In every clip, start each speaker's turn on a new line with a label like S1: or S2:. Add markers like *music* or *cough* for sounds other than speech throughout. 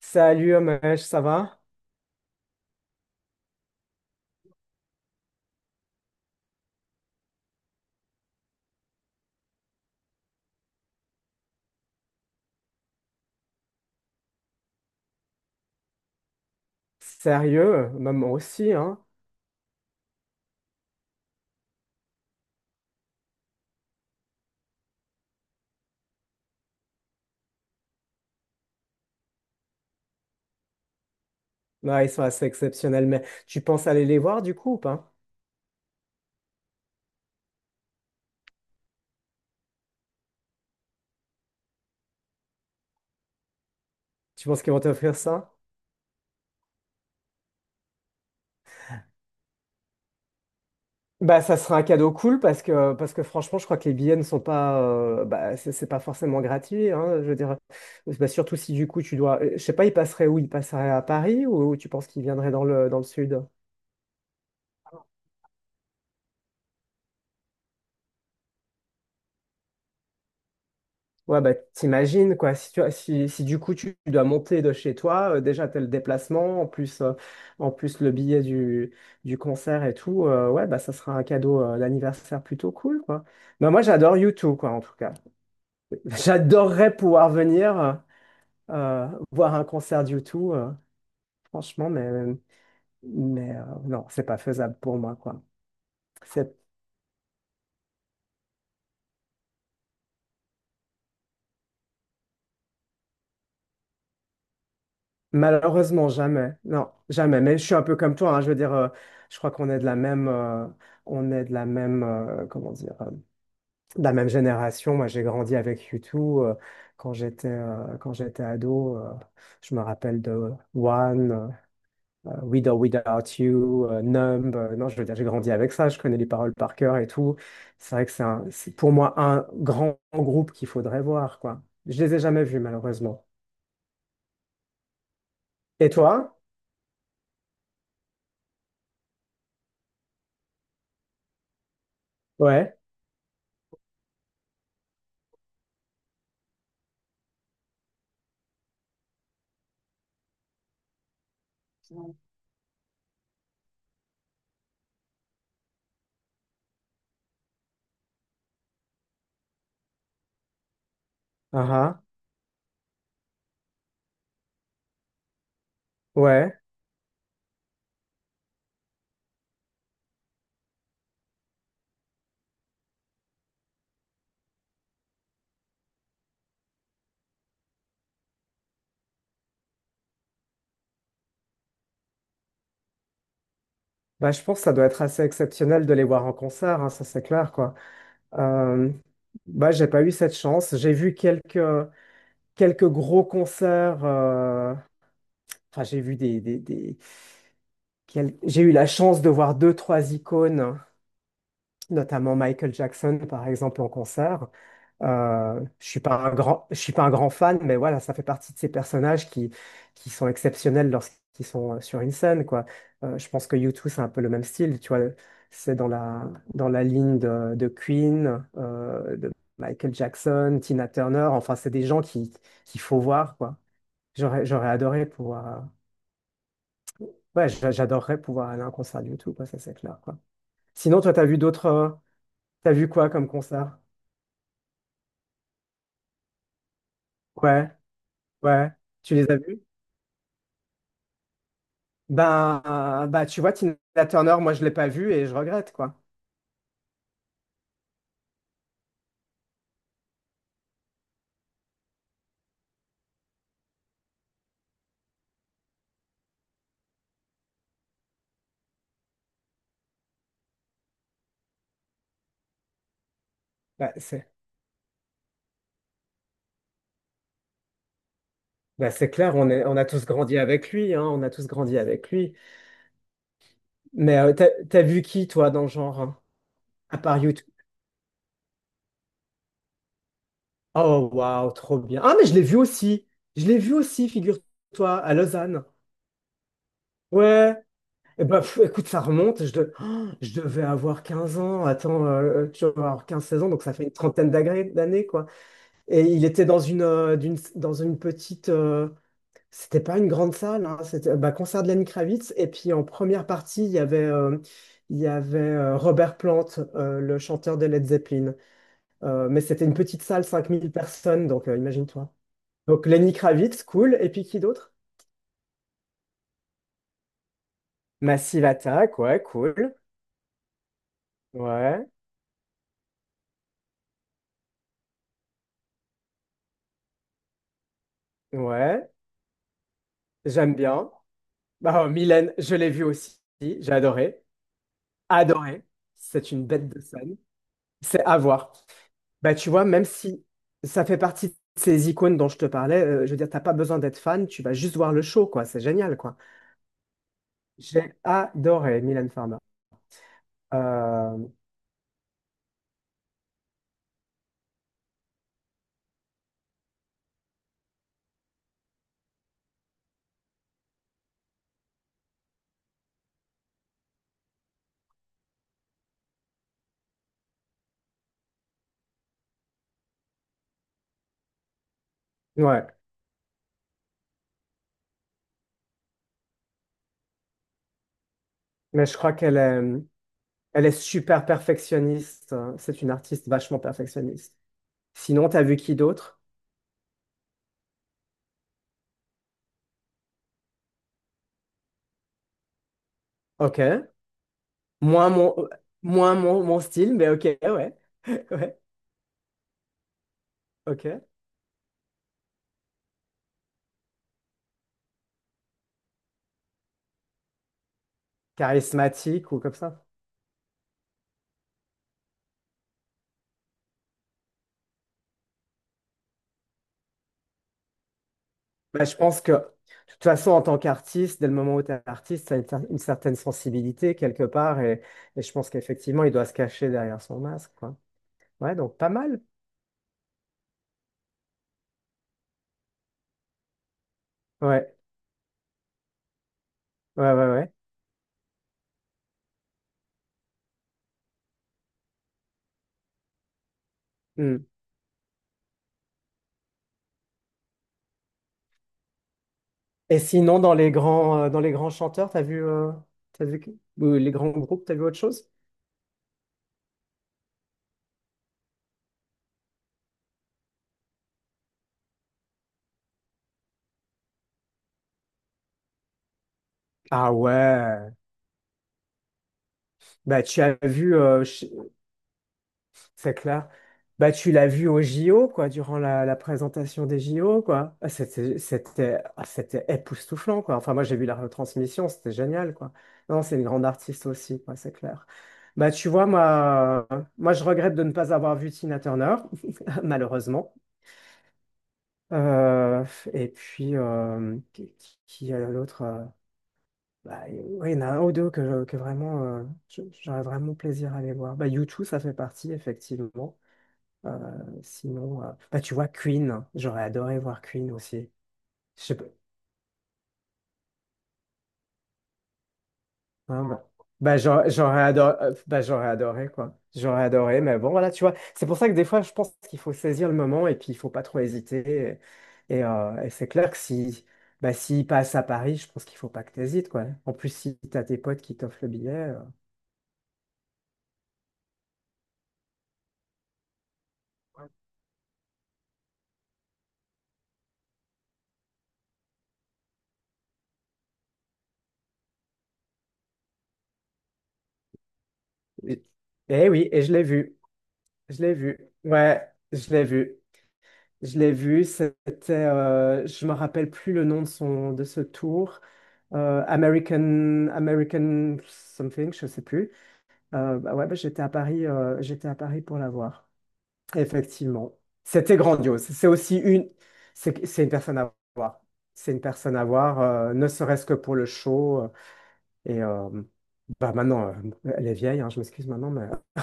S1: Salut Homesh, ça va? Sérieux? Bah, moi aussi, hein? Ouais, ils sont assez exceptionnels, mais tu penses aller les voir du coup ou pas? Tu penses qu'ils vont t'offrir ça? Bah ça sera un cadeau cool parce que franchement je crois que les billets ne sont pas, bah c'est pas forcément gratuit, hein, je veux dire. Bah, surtout si du coup tu dois, je sais pas, ils passeraient où, ils passeraient à Paris, ou tu penses qu'ils viendraient dans le sud? Ouais, bah, t'imagines, quoi, si du coup tu dois monter de chez toi, déjà t'as le déplacement, en plus le billet du concert et tout, ouais, bah ça sera un cadeau, d'anniversaire plutôt cool, quoi. Bah, moi j'adore U2, quoi, en tout cas. *laughs* J'adorerais pouvoir venir, voir un concert d'U2, franchement, mais, non, c'est pas faisable pour moi, quoi. C'est Malheureusement, jamais. Non, jamais. Mais je suis un peu comme toi, hein. Je veux dire, je crois qu'on est de la même, comment dire, de la même génération. Moi, j'ai grandi avec YouTube quand j'étais ado. Je me rappelle de One, With or Without You, Numb. Non, je veux dire, j'ai grandi avec ça. Je connais les paroles par cœur et tout. C'est vrai que c'est pour moi un grand groupe qu'il faudrait voir, quoi. Je les ai jamais vus, malheureusement. Et toi? Ouais. Ah, ah. Ouais. Bah, je pense que ça doit être assez exceptionnel de les voir en concert, hein, ça c'est clair, quoi. Euh, Bah, j'ai pas eu cette chance. J'ai vu quelques gros concerts. Enfin, j'ai vu j'ai eu la chance de voir deux, trois icônes, notamment Michael Jackson, par exemple, en concert. Je suis pas un grand fan, mais voilà, ça fait partie de ces personnages qui sont exceptionnels lorsqu'ils sont, sur une scène, quoi. Je pense que U2, c'est un peu le même style, tu vois. C'est dans la ligne de Queen, de Michael Jackson, Tina Turner. Enfin, c'est des gens qu'il faut voir, quoi. J'aurais adoré pouvoir, ouais, j'adorerais pouvoir aller à un concert de U2, quoi, ça c'est clair, quoi. Sinon, toi, t'as vu quoi comme concert? Ouais, ouais. Tu les as vus? Ben, bah, tu vois, Tina Turner, moi, je l'ai pas vue et je regrette, quoi. Bah, c'est bah, c'est clair, on a tous grandi avec lui, hein, on a tous grandi avec lui. Mais t'as vu qui, toi, dans le genre, hein, à part. Oh, waouh, trop bien. Ah, mais je l'ai vu aussi. Je l'ai vu aussi, figure-toi, à Lausanne. Ouais. Eh ben, pff, écoute, ça remonte. Oh, je devais avoir 15 ans. Attends, tu vas avoir 15-16 ans, donc ça fait une trentaine d'années, quoi. Et il était dans une petite. C'était pas une grande salle, hein. C'était bah, concert de Lenny Kravitz. Et puis, en première partie, il y avait, Robert Plant, le chanteur de Led Zeppelin. Mais c'était une petite salle, 5 000 personnes, donc, imagine-toi. Donc Lenny Kravitz, cool. Et puis qui d'autre? Massive Attack, ouais, cool. Ouais, ouais, j'aime bien. Bah, oh, Mylène, je l'ai vue aussi. J'ai adoré. Adoré. C'est une bête de scène. C'est à voir. Bah, tu vois, même si ça fait partie de ces icônes dont je te parlais, je veux dire, t'as pas besoin d'être fan, tu vas juste voir le show, quoi. C'est génial, quoi. J'ai adoré Mylène Farmer. Euh, ouais, mais je crois elle est super perfectionniste, hein. C'est une artiste vachement perfectionniste. Sinon, t'as vu qui d'autre? Ok. Moins mon, moins mon style, mais ok, ouais. *laughs* Ouais, ok. Charismatique ou comme ça. Bah, je pense que, de toute façon, en tant qu'artiste, dès le moment où tu es artiste, tu as une certaine sensibilité quelque part. Et, je pense qu'effectivement, il doit se cacher derrière son masque, quoi. Ouais, donc pas mal. Ouais, ouais, ouais, ouais. Hmm. Et sinon, dans les grands chanteurs, ou les grands groupes, t'as vu autre chose? Ah ouais. Bah, tu as vu. C'est clair. Bah, tu l'as vu au JO, quoi, durant la présentation des JO, quoi. Ah, ah, c'était époustouflant, quoi. Enfin, moi, j'ai vu la retransmission, c'était génial, quoi. Non, c'est une grande artiste aussi, quoi, c'est clair. Bah, tu vois, moi, je regrette de ne pas avoir vu Tina Turner, *laughs* malheureusement. Euh, et puis, qui est l'autre? Bah, oui, il y en a un ou deux que vraiment, j'aurais vraiment plaisir à aller voir. Bah, U2, ça fait partie, effectivement. Euh, Sinon, bah, tu vois, Queen, j'aurais adoré voir Queen aussi. Je sais pas. Hein, bah, j'aurais adoré, bah, j'aurais adoré, quoi. J'aurais adoré, mais bon, voilà, tu vois. C'est pour ça que des fois, je pense qu'il faut saisir le moment et puis il faut pas trop hésiter. Et c'est clair que, si, bah, s'il passe à Paris, je pense qu'il faut pas que tu hésites, quoi. En plus, si tu as tes potes qui t'offrent le billet. Et- Eh oui, et je l'ai vu. Je l'ai vu. Ouais, je l'ai vu. Je l'ai vu. Je me rappelle plus le nom de son, de ce tour. American something, je sais plus. Bah ouais, bah j'étais à Paris pour la voir. Effectivement, c'était grandiose. C'est aussi une personne à voir. C'est une personne à voir, ne serait-ce que pour le show. Et bah maintenant, elle est vieille, hein, je m'excuse maintenant, mais,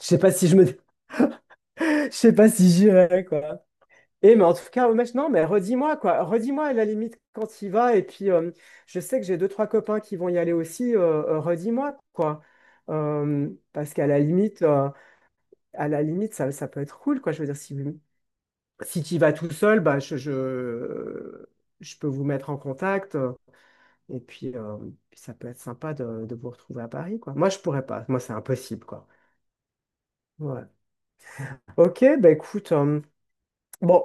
S1: je sais pas si je me, *laughs* je sais pas si j'irai, quoi. Et mais en tout cas, au match, non, mais redis-moi à la limite quand il va. Et puis, je sais que j'ai deux, trois copains qui vont y aller aussi. Redis-moi, quoi. Parce qu'à la limite, ça peut être cool, quoi. Je veux dire, si tu y vas tout seul, bah je peux vous mettre en contact. Et puis, ça peut être sympa de vous retrouver à Paris, quoi. Moi, je pourrais pas. Moi, c'est impossible, quoi. Ouais. Ok, bah écoute, bon.